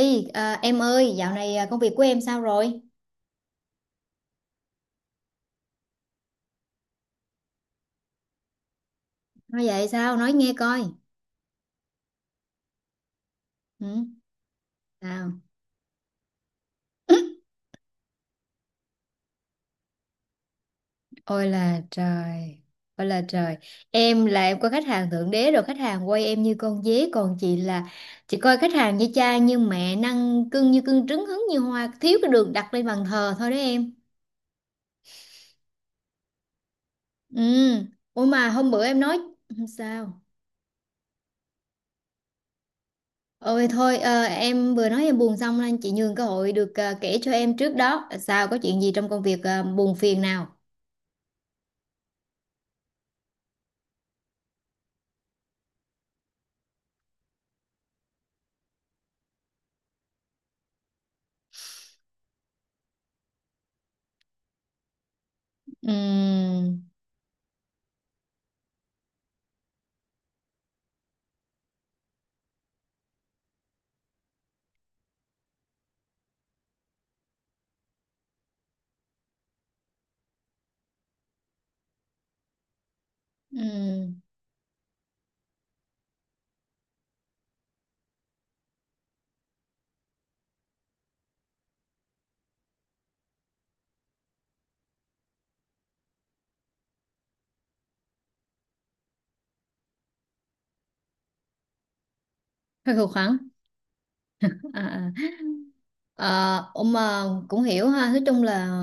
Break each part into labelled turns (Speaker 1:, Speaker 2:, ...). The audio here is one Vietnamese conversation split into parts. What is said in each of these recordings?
Speaker 1: Ê, em ơi, dạo này công việc của em sao rồi? Nói vậy sao? Nói nghe coi. Ừ, sao? Ôi là trời, ôi là trời. Em là em có khách hàng thượng đế rồi, khách hàng quay em như con dế, còn chị là chị coi khách hàng như cha như mẹ, năng cưng như cưng trứng hứng như hoa, thiếu cái đường đặt lên bàn thờ thôi đấy em. Ừ, ôi mà hôm bữa em nói ừ, sao? Ôi thôi, em vừa nói em buồn xong nên chị nhường cơ hội được kể cho em trước đó sao có chuyện gì trong công việc buồn phiền nào. 음, 음, Hơi khô khoắn. À, à. Ờ, ông mà cũng hiểu ha. Nói chung là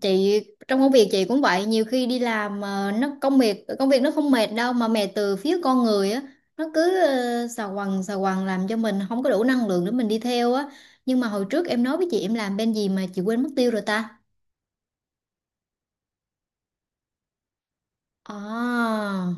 Speaker 1: chị trong công việc chị cũng vậy. Nhiều khi đi làm mà nó công việc nó không mệt đâu mà mệt từ phía con người á. Nó cứ xà quần làm cho mình không có đủ năng lượng để mình đi theo á. Nhưng mà hồi trước em nói với chị em làm bên gì mà chị quên mất tiêu rồi ta? À.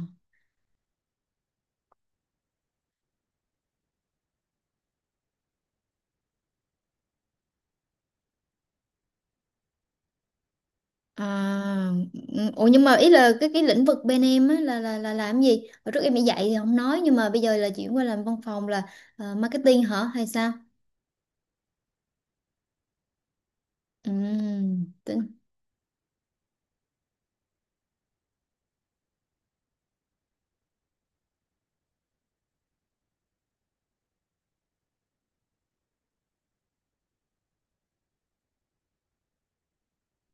Speaker 1: À, ừ, ủa nhưng mà ý là cái lĩnh vực bên em á là là làm gì? Hồi trước em đi dạy thì không nói nhưng mà bây giờ là chuyển qua làm văn phòng là marketing hả hay sao? Ừ, tính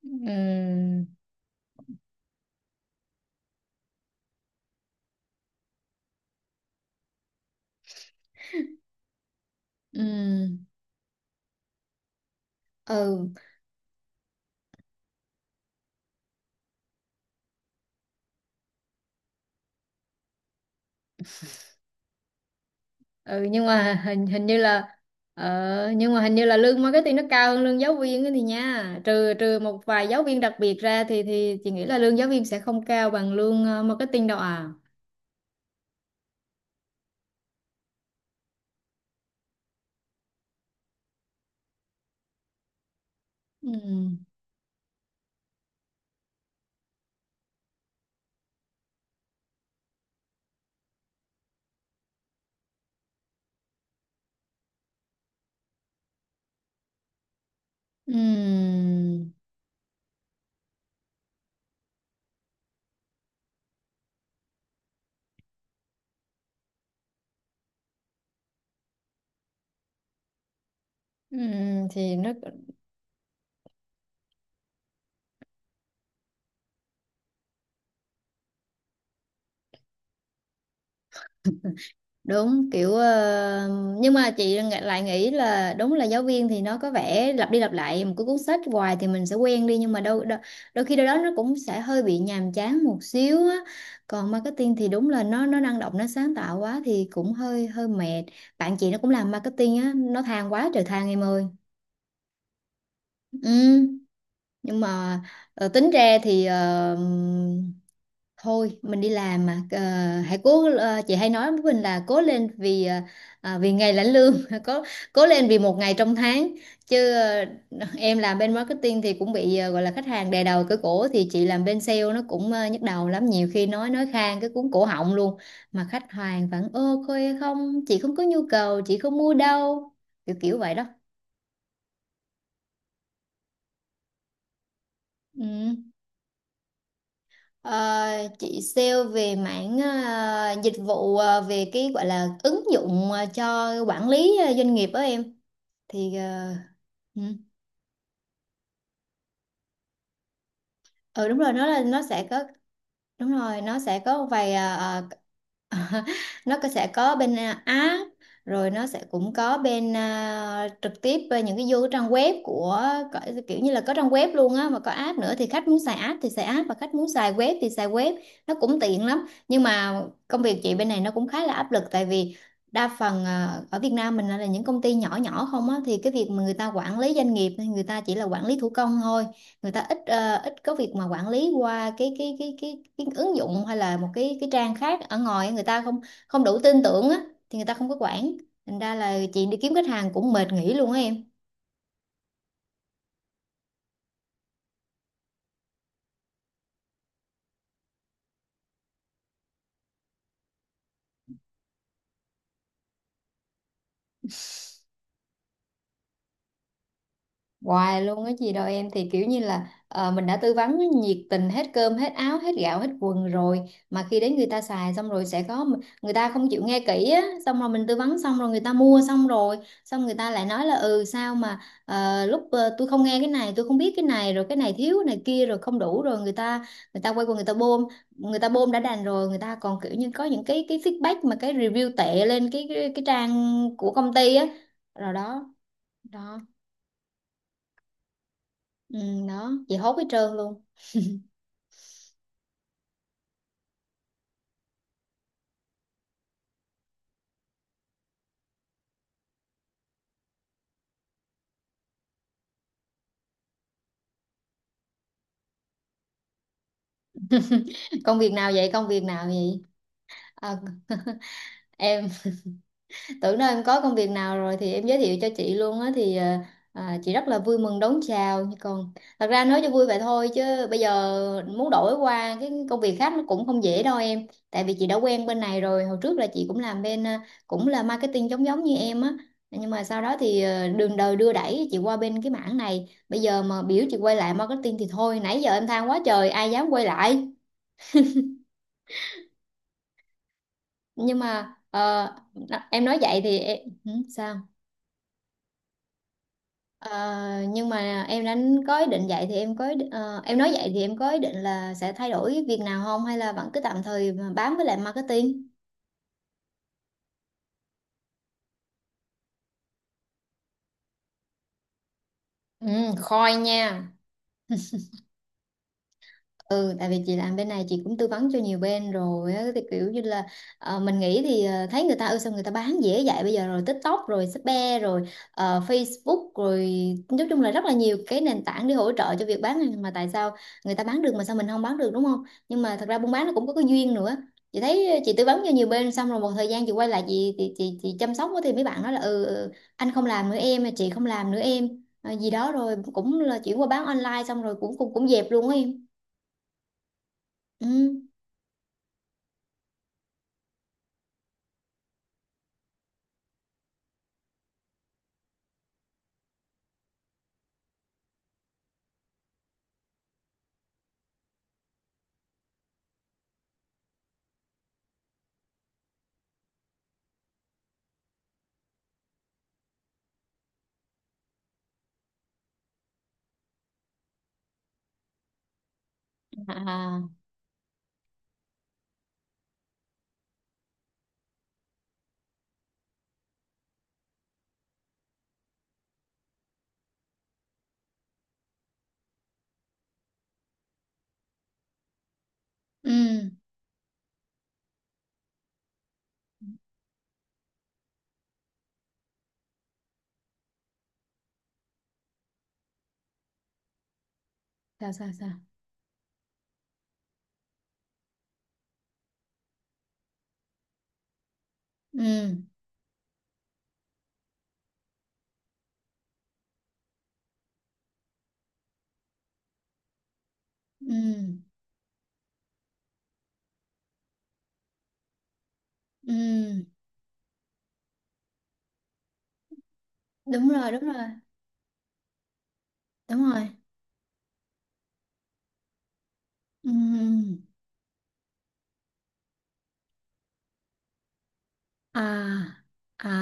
Speaker 1: ừ, ừ, ừ, ừ nhưng mà hình hình như là nhưng mà hình như là lương marketing nó cao hơn lương giáo viên ấy thì nha. Trừ trừ một vài giáo viên đặc biệt ra thì chị nghĩ là lương giáo viên sẽ không cao bằng lương marketing đâu à. Ừ. Ừ. Ừ, thì nó đúng kiểu nhưng mà lại nghĩ là đúng là giáo viên thì nó có vẻ lặp đi lặp lại một cái cuốn sách hoài thì mình sẽ quen đi nhưng mà đôi đôi, đôi khi đâu đó nó cũng sẽ hơi bị nhàm chán một xíu á, còn marketing thì đúng là nó năng động nó sáng tạo quá thì cũng hơi hơi mệt. Bạn chị nó cũng làm marketing á nó than quá trời than em ơi. Ừ nhưng mà tính ra thì thôi mình đi làm mà. Ờ, Hãy cố, chị hay nói với mình là cố lên vì, à, vì ngày lãnh lương cố, cố lên vì một ngày trong tháng chứ em làm bên marketing thì cũng bị gọi là khách hàng đè đầu cửa cổ thì chị làm bên sale nó cũng nhức đầu lắm, nhiều khi nói khang cái cuốn cổ họng luôn mà khách hàng vẫn ơ khôi không, chị không có nhu cầu, chị không mua đâu, kiểu kiểu vậy đó. Ừ. Ờ, chị sale về mảng dịch vụ về cái gọi là ứng dụng cho quản lý doanh nghiệp đó em. Thì uh, ừ đúng rồi, nó là nó sẽ có. Đúng rồi, nó sẽ có một vài à, sẽ có bên à, app rồi nó sẽ cũng có bên trực tiếp bên những cái vô cái trang web của, có- kiểu như là có trang web luôn á mà có app nữa, thì khách muốn xài app thì xài app và khách muốn xài web thì xài web. Nó cũng tiện lắm nhưng mà công việc chị bên này nó cũng khá là áp lực tại vì đa phần ở Việt Nam mình là những công ty nhỏ nhỏ không á, thì cái việc mà người ta quản lý doanh nghiệp thì người ta chỉ là quản lý thủ công thôi. Người ta ít, ít có việc mà quản lý qua cái ứng dụng hay là một cái trang khác ở ngoài, người ta không, không đủ tin tưởng á, thì người ta không có quản. Thành ra là chị đi kiếm khách hàng cũng mệt nghỉ luôn á em. Hoài luôn á chị đâu em, thì kiểu như là mình đã tư vấn nhiệt tình hết cơm hết áo hết gạo hết quần rồi mà khi đến người ta xài xong rồi sẽ có, người ta không chịu nghe kỹ á, xong rồi mình tư vấn xong rồi người ta mua xong rồi, xong người ta lại nói là ừ sao mà lúc tôi không nghe cái này, tôi không biết cái này, rồi cái này thiếu cái này kia rồi không đủ, rồi người ta, quay qua người ta bôm. Người ta bôm đã đành rồi, người ta còn kiểu như có những cái feedback mà cái review tệ lên cái trang của công ty á, rồi đó, đó. Ừ, đó, chị hốt hết trơn luôn. Công việc nào vậy, công việc nào vậy? à, em tưởng đâu em có công việc nào rồi thì em giới thiệu cho chị luôn á thì à, chị rất là vui mừng đón chào. Còn thật ra nói cho vui vậy thôi chứ bây giờ muốn đổi qua cái công việc khác nó cũng không dễ đâu em, tại vì chị đã quen bên này rồi. Hồi trước là chị cũng làm bên cũng là marketing giống giống như em á, nhưng mà sau đó thì đường đời đưa đẩy chị qua bên cái mảng này, bây giờ mà biểu chị quay lại marketing thì thôi, nãy giờ em than quá trời ai dám quay lại. Nhưng mà em nói vậy thì em, ừ, sao? Ờ, nhưng mà em đã có ý định vậy thì em nói vậy thì em có ý định là sẽ thay đổi việc nào không hay là vẫn cứ tạm thời mà bám với lại marketing? Ừ, khôi nha. Ừ, tại vì chị làm bên này chị cũng tư vấn cho nhiều bên rồi á, thì kiểu như là mình nghĩ thì thấy người ta ơi sao người ta bán dễ vậy, bây giờ rồi TikTok rồi Shopee rồi Facebook rồi, nói chung là rất là nhiều cái nền tảng để hỗ trợ cho việc bán hàng, mà tại sao người ta bán được mà sao mình không bán được, đúng không? Nhưng mà thật ra buôn bán nó cũng có cái duyên nữa. Chị thấy chị tư vấn cho nhiều bên xong rồi một thời gian chị quay lại chị chăm sóc á, thì mấy bạn nói là ừ ừ, anh không làm nữa em, chị không làm nữa em, Ờ, gì đó, rồi cũng là chuyển qua bán online xong rồi cũng cũng cũng dẹp luôn á em. Ừ. À. Ừ. Sao sao sao? Ừ. Ừ. Ừ. Đúng rồi, đúng rồi. Đúng rồi. Ừ. À. À.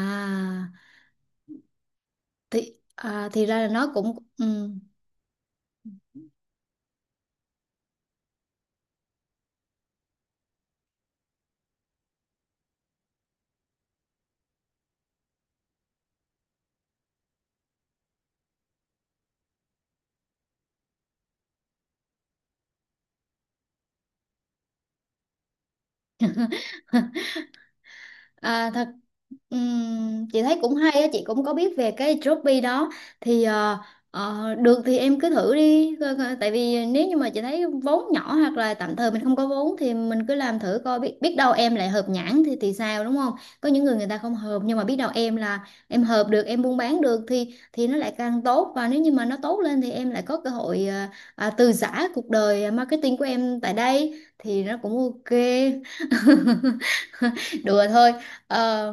Speaker 1: Thì thì ra là nó cũng ừ. À, thật. Ừm, chị thấy cũng hay á, chị cũng có biết về cái Shopee đó. Thì được thì em cứ thử đi. Tại vì nếu như mà chị thấy vốn nhỏ hoặc là tạm thời mình không có vốn thì mình cứ làm thử coi, biết biết đâu em lại hợp nhãn thì sao, đúng không? Có những người người ta không hợp, nhưng mà biết đâu em là em hợp được, em buôn bán được thì nó lại càng tốt, và nếu như mà nó tốt lên thì em lại có cơ hội à, từ giã cuộc đời marketing của em tại đây thì nó cũng ok. Đùa thôi. Ờ,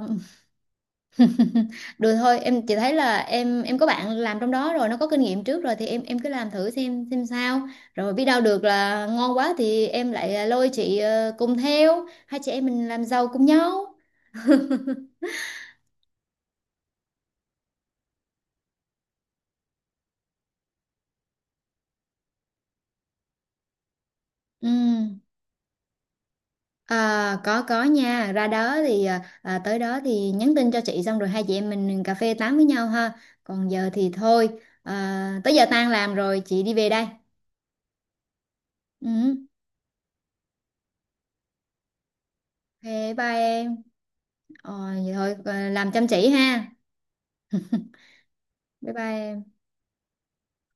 Speaker 1: được thôi em, chỉ thấy là em có bạn làm trong đó rồi, nó có kinh nghiệm trước rồi thì em cứ làm thử xem sao. Rồi biết đâu được là ngon quá thì em lại lôi chị, cùng theo hai chị em mình làm giàu cùng nhau. Ừ. À, có nha, ra đó thì tới đó thì nhắn tin cho chị xong rồi hai chị em mình cà phê tám với nhau ha. Còn giờ thì thôi, tới giờ tan làm rồi chị đi về đây. Ừ. Ok, bye em. Ờ, vậy thôi. Ờ, làm chăm chỉ ha. Bye bye em.